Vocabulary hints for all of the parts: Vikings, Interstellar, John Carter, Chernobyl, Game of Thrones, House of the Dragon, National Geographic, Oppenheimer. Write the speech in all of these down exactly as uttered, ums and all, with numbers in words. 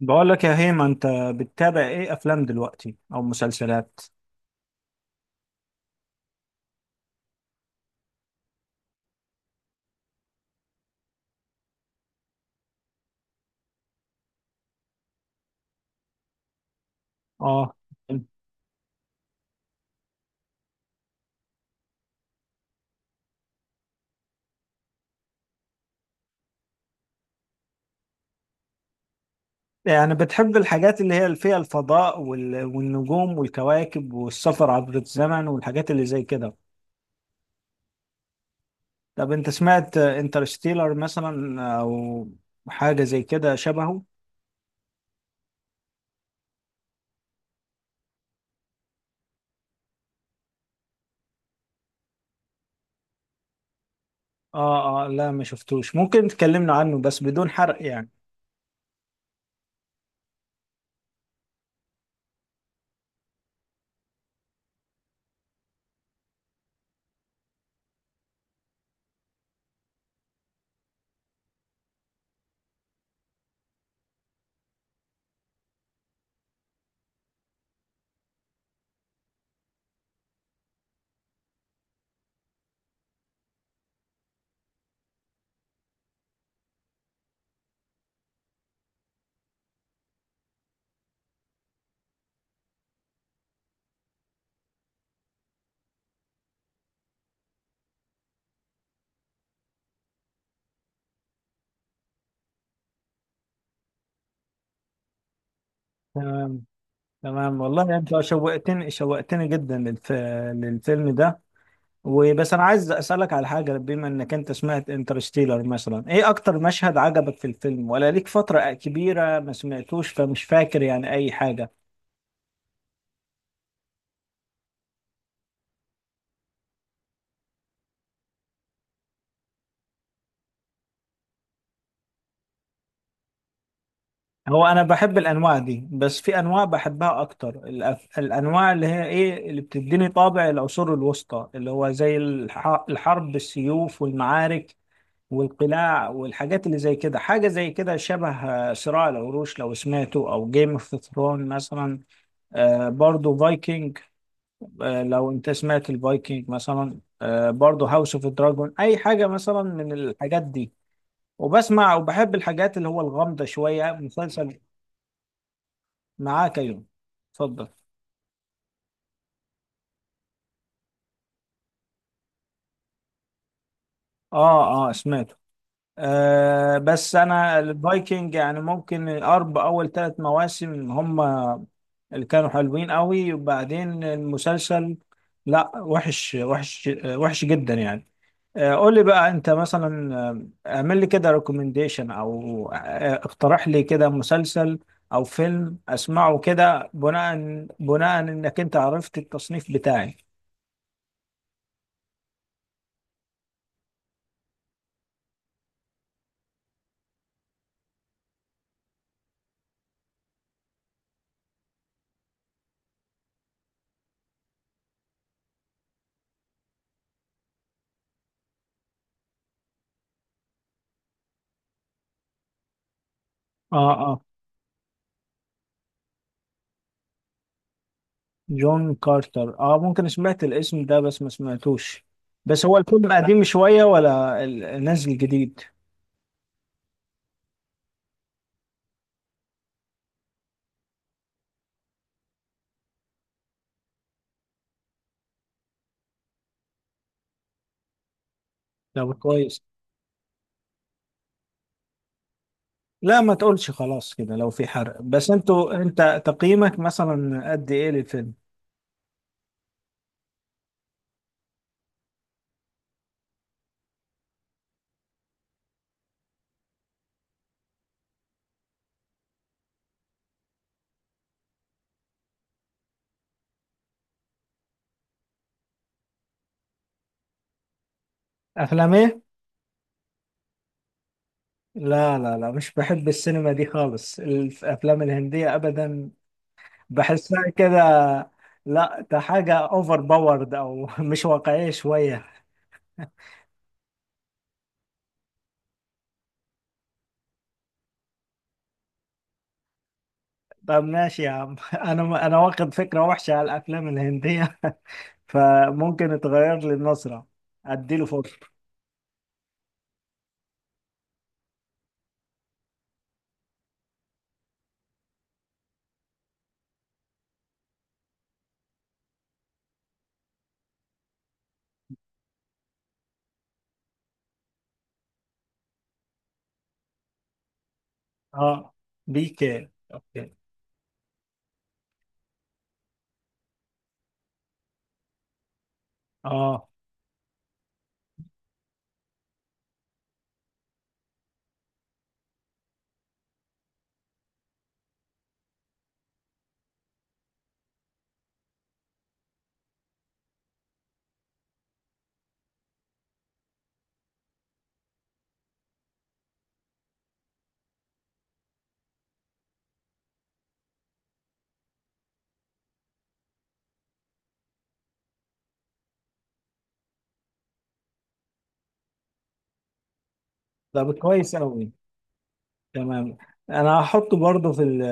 بقول لك يا هيما، انت بتتابع ايه افلام دلوقتي او مسلسلات؟ اه، يعني بتحب الحاجات اللي هي فيها الفضاء وال- والنجوم والكواكب والسفر عبر الزمن والحاجات اللي زي كده؟ طب انت سمعت انترستيلر مثلا او حاجة زي كده شبهه؟ اه اه، لا ما شفتوش. ممكن تكلمنا عنه بس بدون حرق يعني. تمام تمام، والله انت شوقتني شوقتني جدا للف... للفيلم ده. وبس انا عايز اسالك على حاجه، بما انك انت سمعت انترستيلر مثلا، ايه اكتر مشهد عجبك في الفيلم؟ ولا ليك فتره كبيره ما سمعتوش فمش فاكر يعني اي حاجه؟ هو انا بحب الانواع دي، بس في انواع بحبها اكتر، الأف- الانواع اللي هي ايه اللي بتديني طابع العصور الوسطى، اللي هو زي الح- الحرب بالسيوف والمعارك والقلاع والحاجات اللي زي كده. حاجه زي كده شبه آه، صراع العروش لو سمعته، او جيم اوف ثرون مثلا، آه، برضو فايكنج، آه، لو انت سمعت الفايكنج مثلا، آه، برضو هاوس اوف دراجون، اي حاجه مثلا من الحاجات دي. وبسمع وبحب الحاجات اللي هو الغامضه شويه. مسلسل معاك يوم؟ اتفضل. اه اه، سمعته. آه، بس انا الفايكنج يعني ممكن الارب اول ثلاث مواسم هم اللي كانوا حلوين قوي، وبعدين المسلسل لا، وحش وحش آه، وحش جدا يعني. آه، قول لي بقى انت مثلا، آه، اعمل لي كده ريكومنديشن، او آه، اقترح لي كده مسلسل او فيلم اسمعه كده، بناء بناء انك انت عرفت التصنيف بتاعي. اه اه. جون كارتر، اه، ممكن سمعت الاسم ده بس ما سمعتوش. بس هو الفيلم قديم شوية ولا ال- نازل جديد؟ لو كويس. لا ما تقولش خلاص كده لو في حرق، بس انتوا انت تقييمك مثلا قد ايه للفيلم؟ افلام ايه؟ لا لا لا، مش بحب السينما دي خالص، الافلام الهندية ابدا، بحسها كده. لا ده حاجة اوفر باورد او مش واقعية شوية. طب ماشي يا عم انا انا واخد فكرة وحشة على الافلام الهندية فممكن اتغير لي النظرة، اديله فرصة. اه. بيكي. اوكي. اه. طب كويس قوي. تمام، انا هحطه برضه في ال-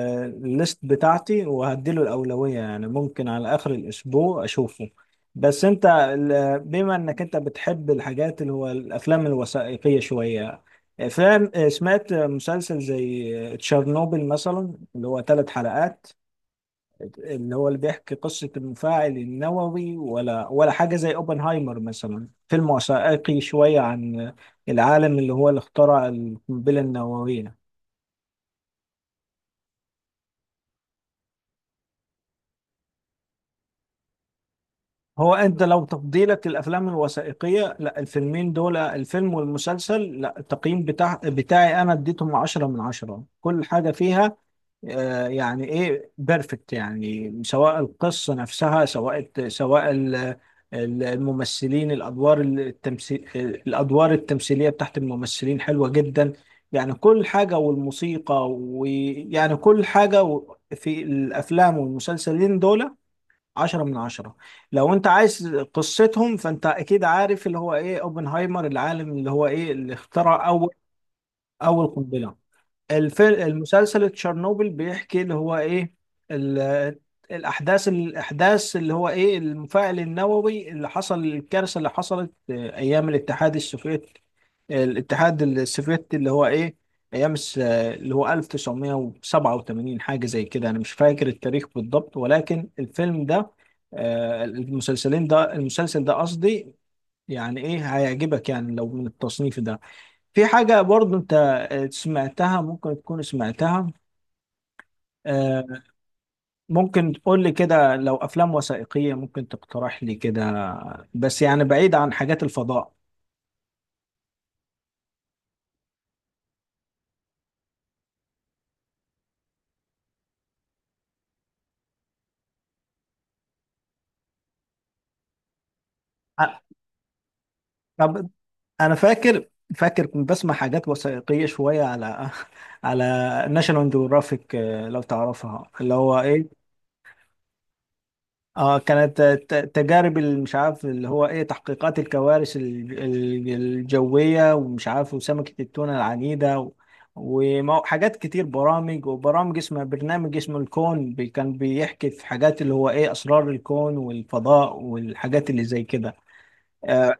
الليست بتاعتي، وهديله الاولويه يعني ممكن على اخر الاسبوع اشوفه. بس انت ال- بما انك انت بتحب الحاجات اللي هو الافلام الوثائقيه شويه، افلام، سمعت مسلسل زي تشيرنوبل مثلا اللي هو ثلاث حلقات، اللي هو اللي بيحكي قصه المفاعل النووي؟ ولا ولا حاجه زي اوبنهايمر مثلا، فيلم وثائقي شويه عن العالم اللي هو اللي اخترع القنبله النوويه؟ هو انت لو تفضيلك للافلام الوثائقيه، لا الفيلمين دول الفيلم والمسلسل، لا التقييم بتاع بتاعي انا اديتهم عشرة من عشرة. كل حاجه فيها آه، يعني ايه، بيرفكت يعني، سواء القصه نفسها، سواء سواء ال- ال- الممثلين، الادوار التمثيل الادوار التمثيليه بتاعت الممثلين حلوه جدا يعني، كل حاجه والموسيقى، ويعني كل حاجه في الافلام والمسلسلين دول عشرة من عشرة. لو انت عايز قصتهم، فانت اكيد عارف اللي هو ايه اوبنهايمر، العالم اللي هو ايه اللي اخترع اول اول قنبلة. الفيلم المسلسل تشيرنوبل بيحكي اللي هو ايه ال- الاحداث، الاحداث اللي هو ايه المفاعل النووي اللي حصل، الكارثه اللي حصلت آه، ايام الاتحاد السوفيتي. الاتحاد السوفيتي اللي هو ايه، ايام الس- اللي هو ألف وتسعمية وسبعة وثمانين، حاجه زي كده، انا مش فاكر التاريخ بالضبط. ولكن الفيلم ده، آه، المسلسلين ده المسلسل ده قصدي، يعني ايه هيعجبك يعني لو من التصنيف ده. في حاجة برضو انت آه، سمعتها، ممكن تكون سمعتها. آه، ممكن تقول لي كده لو افلام وثائقية ممكن تقترح لي كده، بس يعني بعيد عن حاجات الفضاء. آه، طب انا فاكر فاكر كنت بسمع حاجات وثائقية شوية على على ناشونال جيوغرافيك، لو تعرفها اللي هو ايه. اه كانت ت- تجارب ال- مش عارف اللي هو ايه، تحقيقات الكوارث ال- ال- الجوية، ومش عارف، وسمكة التونة العنيدة، و- ومو- حاجات كتير، برامج، وبرامج اسمها برنامج اسمه الكون، بي- كان بيحكي في حاجات اللي هو ايه اسرار الكون والفضاء والحاجات اللي زي كده. آه.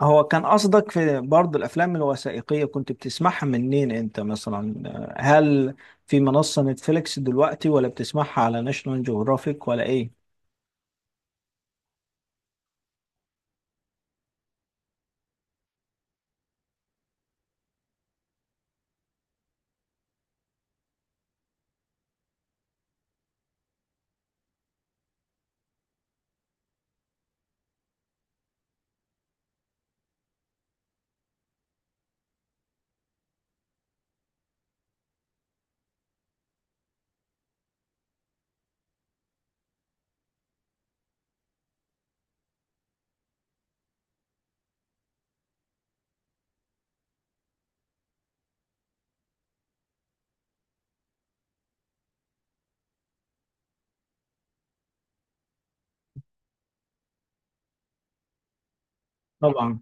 هو كان قصدك في برضه الافلام الوثائقية كنت بتسمعها منين انت مثلا؟ آه، هل في منصة نتفليكس دلوقتي، ولا بتسمعها على ناشونال جيوغرافيك، ولا ايه؟ طبعا.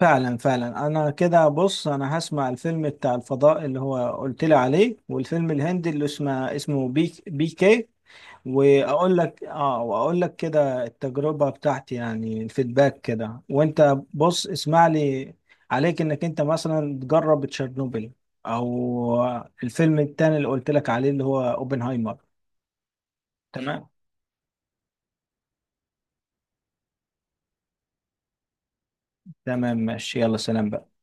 فعلا فعلا، انا كده بص، انا هسمع الفيلم بتاع الفضاء اللي هو قلت لي عليه، والفيلم الهندي اللي اسمه اسمه بي بي كي، واقول لك اه، واقول لك كده التجربة بتاعتي يعني الفيدباك كده. وانت بص، اسمع لي، عليك انك انت مثلا تجرب تشيرنوبل، او الفيلم التاني اللي قلت لك عليه اللي هو اوبنهايمر. تمام. تمام ماشي، يلا سلام بقى.